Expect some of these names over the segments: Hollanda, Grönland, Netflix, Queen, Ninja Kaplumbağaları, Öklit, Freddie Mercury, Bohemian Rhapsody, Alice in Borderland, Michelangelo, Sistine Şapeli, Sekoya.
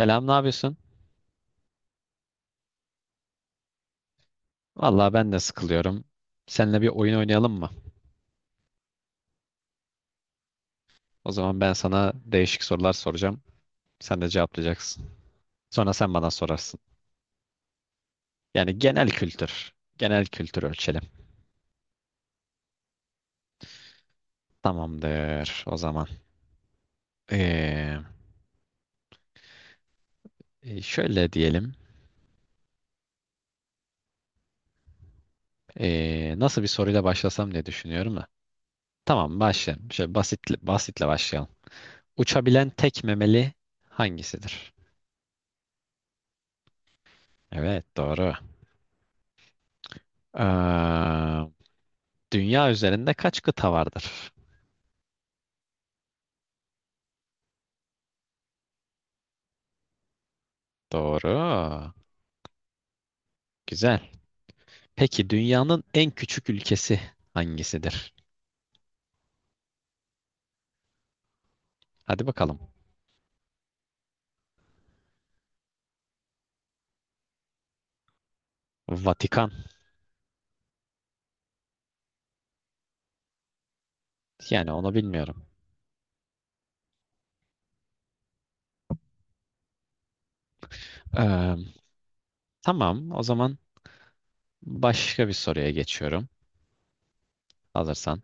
Selam, ne yapıyorsun? Vallahi ben de sıkılıyorum. Seninle bir oyun oynayalım mı? O zaman ben sana değişik sorular soracağım. Sen de cevaplayacaksın. Sonra sen bana sorarsın. Yani genel kültür. Genel kültür ölçelim. Tamamdır o zaman. Ee, Şöyle diyelim. Nasıl bir soruyla başlasam diye düşünüyorum da. Tamam başlayalım. Şöyle basitle başlayalım. Uçabilen tek memeli hangisidir? Evet doğru. Ee, Dünya üzerinde kaç kıta vardır? Doğru. Güzel. Peki dünyanın en küçük ülkesi hangisidir? Hadi bakalım. Vatikan. Yani onu bilmiyorum. Ee, tamam. O zaman başka bir soruya geçiyorum. Hazırsan.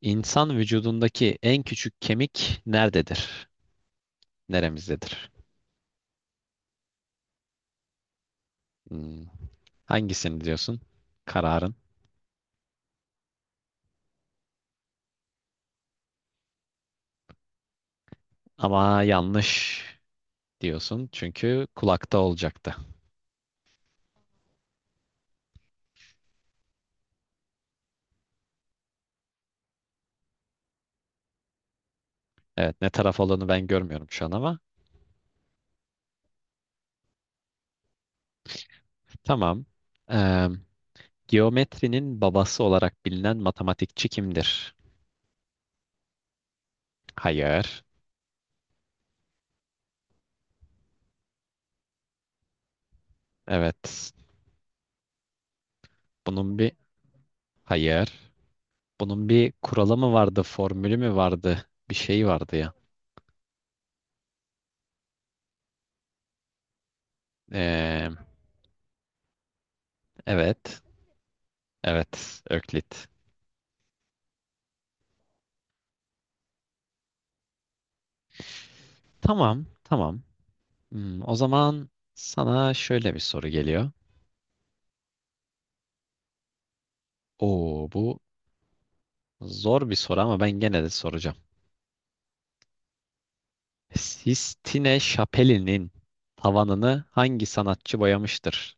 İnsan vücudundaki en küçük kemik nerededir? Neremizdedir? Hmm, hangisini diyorsun? Kararın. Ama yanlış diyorsun. Çünkü kulakta olacaktı. Evet, ne taraf olduğunu ben görmüyorum şu an ama. Tamam. Ee, Geometrinin babası olarak bilinen matematikçi kimdir? Hayır. Evet. Bunun bir hayır. Bunun bir kuralı mı vardı, formülü mü vardı? Bir şey vardı ya. Ee, evet. Evet. Öklit. Tamam. Tamam. Hmm, o zaman sana şöyle bir soru geliyor. Oo, bu zor bir soru ama ben gene de soracağım. Sistine Şapeli'nin tavanını hangi sanatçı boyamıştır?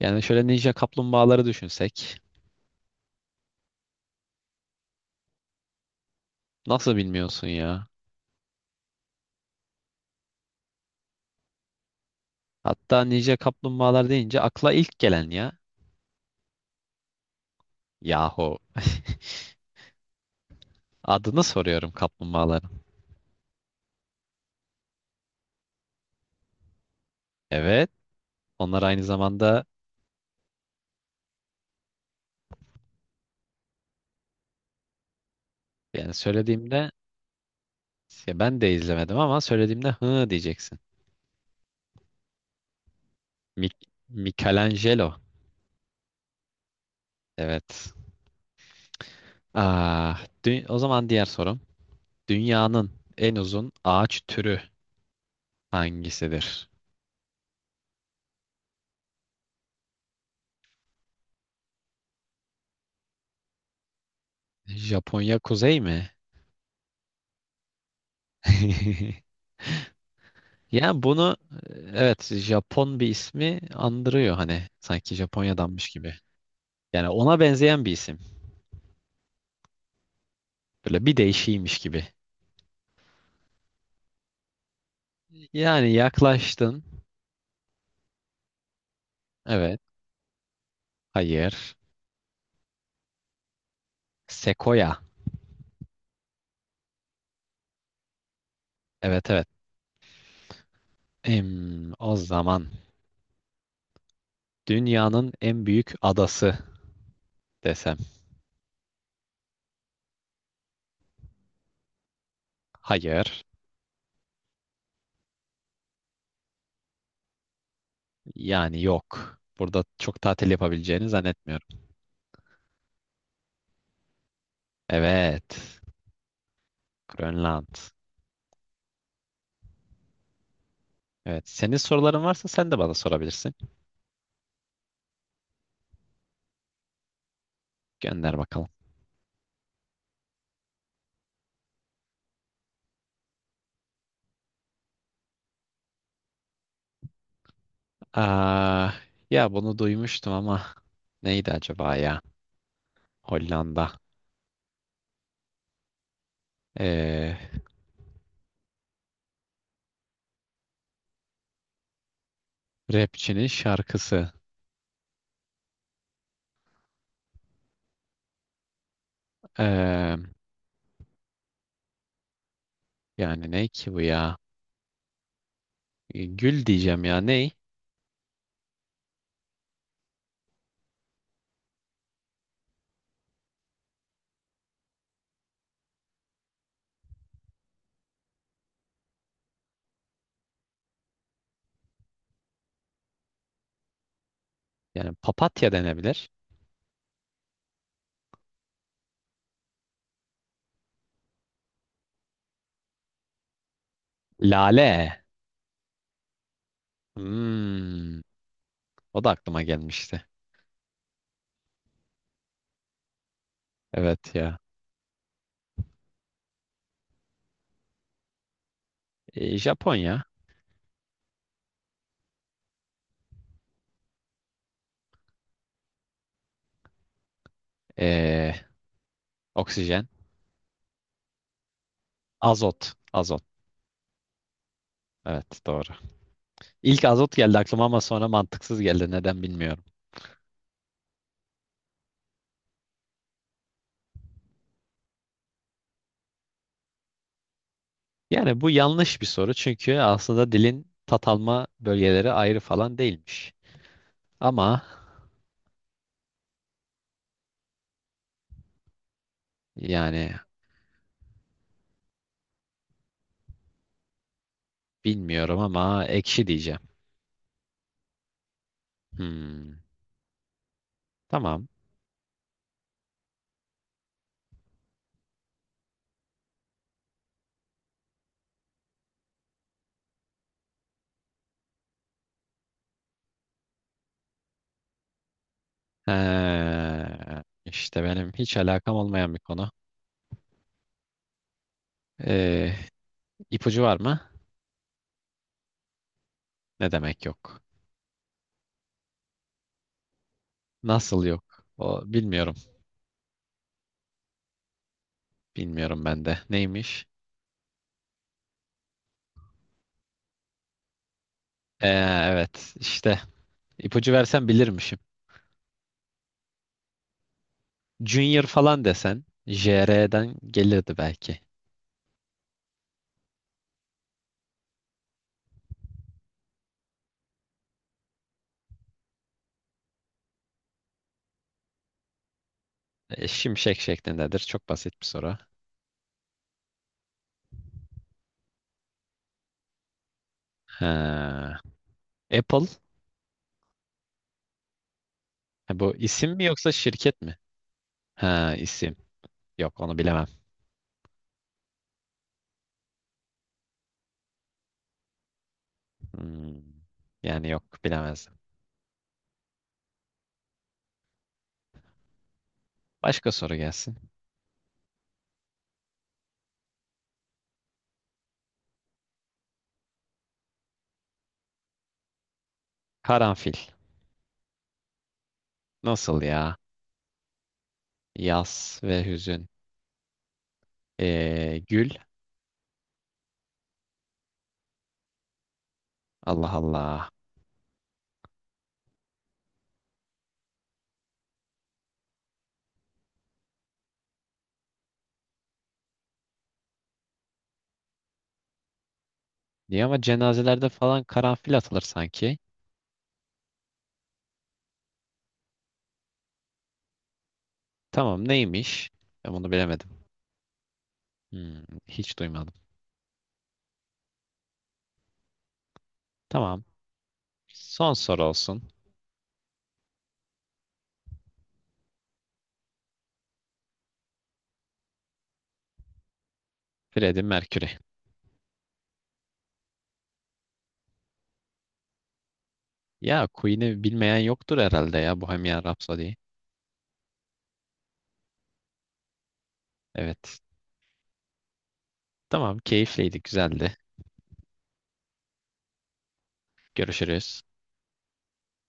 Yani şöyle Ninja Kaplumbağaları düşünsek. Nasıl bilmiyorsun ya? Hatta Ninja Kaplumbağalar deyince akla ilk gelen ya. Yahu. Adını soruyorum kaplumbağaların. Evet. Onlar aynı zamanda yani söylediğimde ya ben de izlemedim ama söylediğimde hı diyeceksin. Michelangelo. Evet. O zaman diğer sorum. Dünyanın en uzun ağaç türü hangisidir? Japonya kuzey mi? Yani evet, Japon bir ismi andırıyor hani sanki Japonya'danmış gibi. Yani ona benzeyen bir isim. Böyle bir değişiymiş gibi. Yani yaklaştın. Evet. Hayır. Sekoya. Evet, evet. Em, o zaman dünyanın en büyük adası desem. Hayır. Yani yok. Burada çok tatil yapabileceğini zannetmiyorum. Evet. Grönland. Evet. Senin soruların varsa sen de bana sorabilirsin. Gönder bakalım. Aa, ya bunu duymuştum ama neydi acaba ya? Hollanda. Ee, rapçinin şarkısı. Ee, yani ne ki bu ya? Gül diyeceğim ya ney? Yani papatya denebilir. Lale. Hmm, o da aklıma gelmişti. Evet ya. Japonya. Ee, oksijen. Azot. Azot. Evet doğru. İlk azot geldi aklıma ama sonra mantıksız geldi. Neden bilmiyorum. Yani bu yanlış bir soru çünkü aslında dilin tat alma bölgeleri ayrı falan değilmiş. Ama yani bilmiyorum ama ekşi diyeceğim. Hmm, tamam. İşte benim hiç alakam olmayan bir konu. Ee, ipucu var mı? Ne demek yok? Nasıl yok? O bilmiyorum. Bilmiyorum ben de. Neymiş? Ee, evet işte ipucu versen bilirmişim. Junior falan desen JR'den gelirdi belki. E, şimşek şeklindedir. Çok basit bir soru. Ha. Apple. Ha, bu isim mi yoksa şirket mi? Ha, isim. Yok onu bilemem. Hmm. Yani yok bilemezdim. Başka soru gelsin. Karanfil. Nasıl ya? Yas ve hüzün. Gül. Allah Allah. Niye ama cenazelerde falan karanfil atılır sanki. Tamam neymiş? Ben bunu bilemedim. Hmm, hiç duymadım. Tamam. Son soru olsun. Freddie Mercury. Ya Queen'i bilmeyen yoktur herhalde ya Bohemian Rhapsody. Evet. Tamam, keyifliydi, güzeldi. Görüşürüz.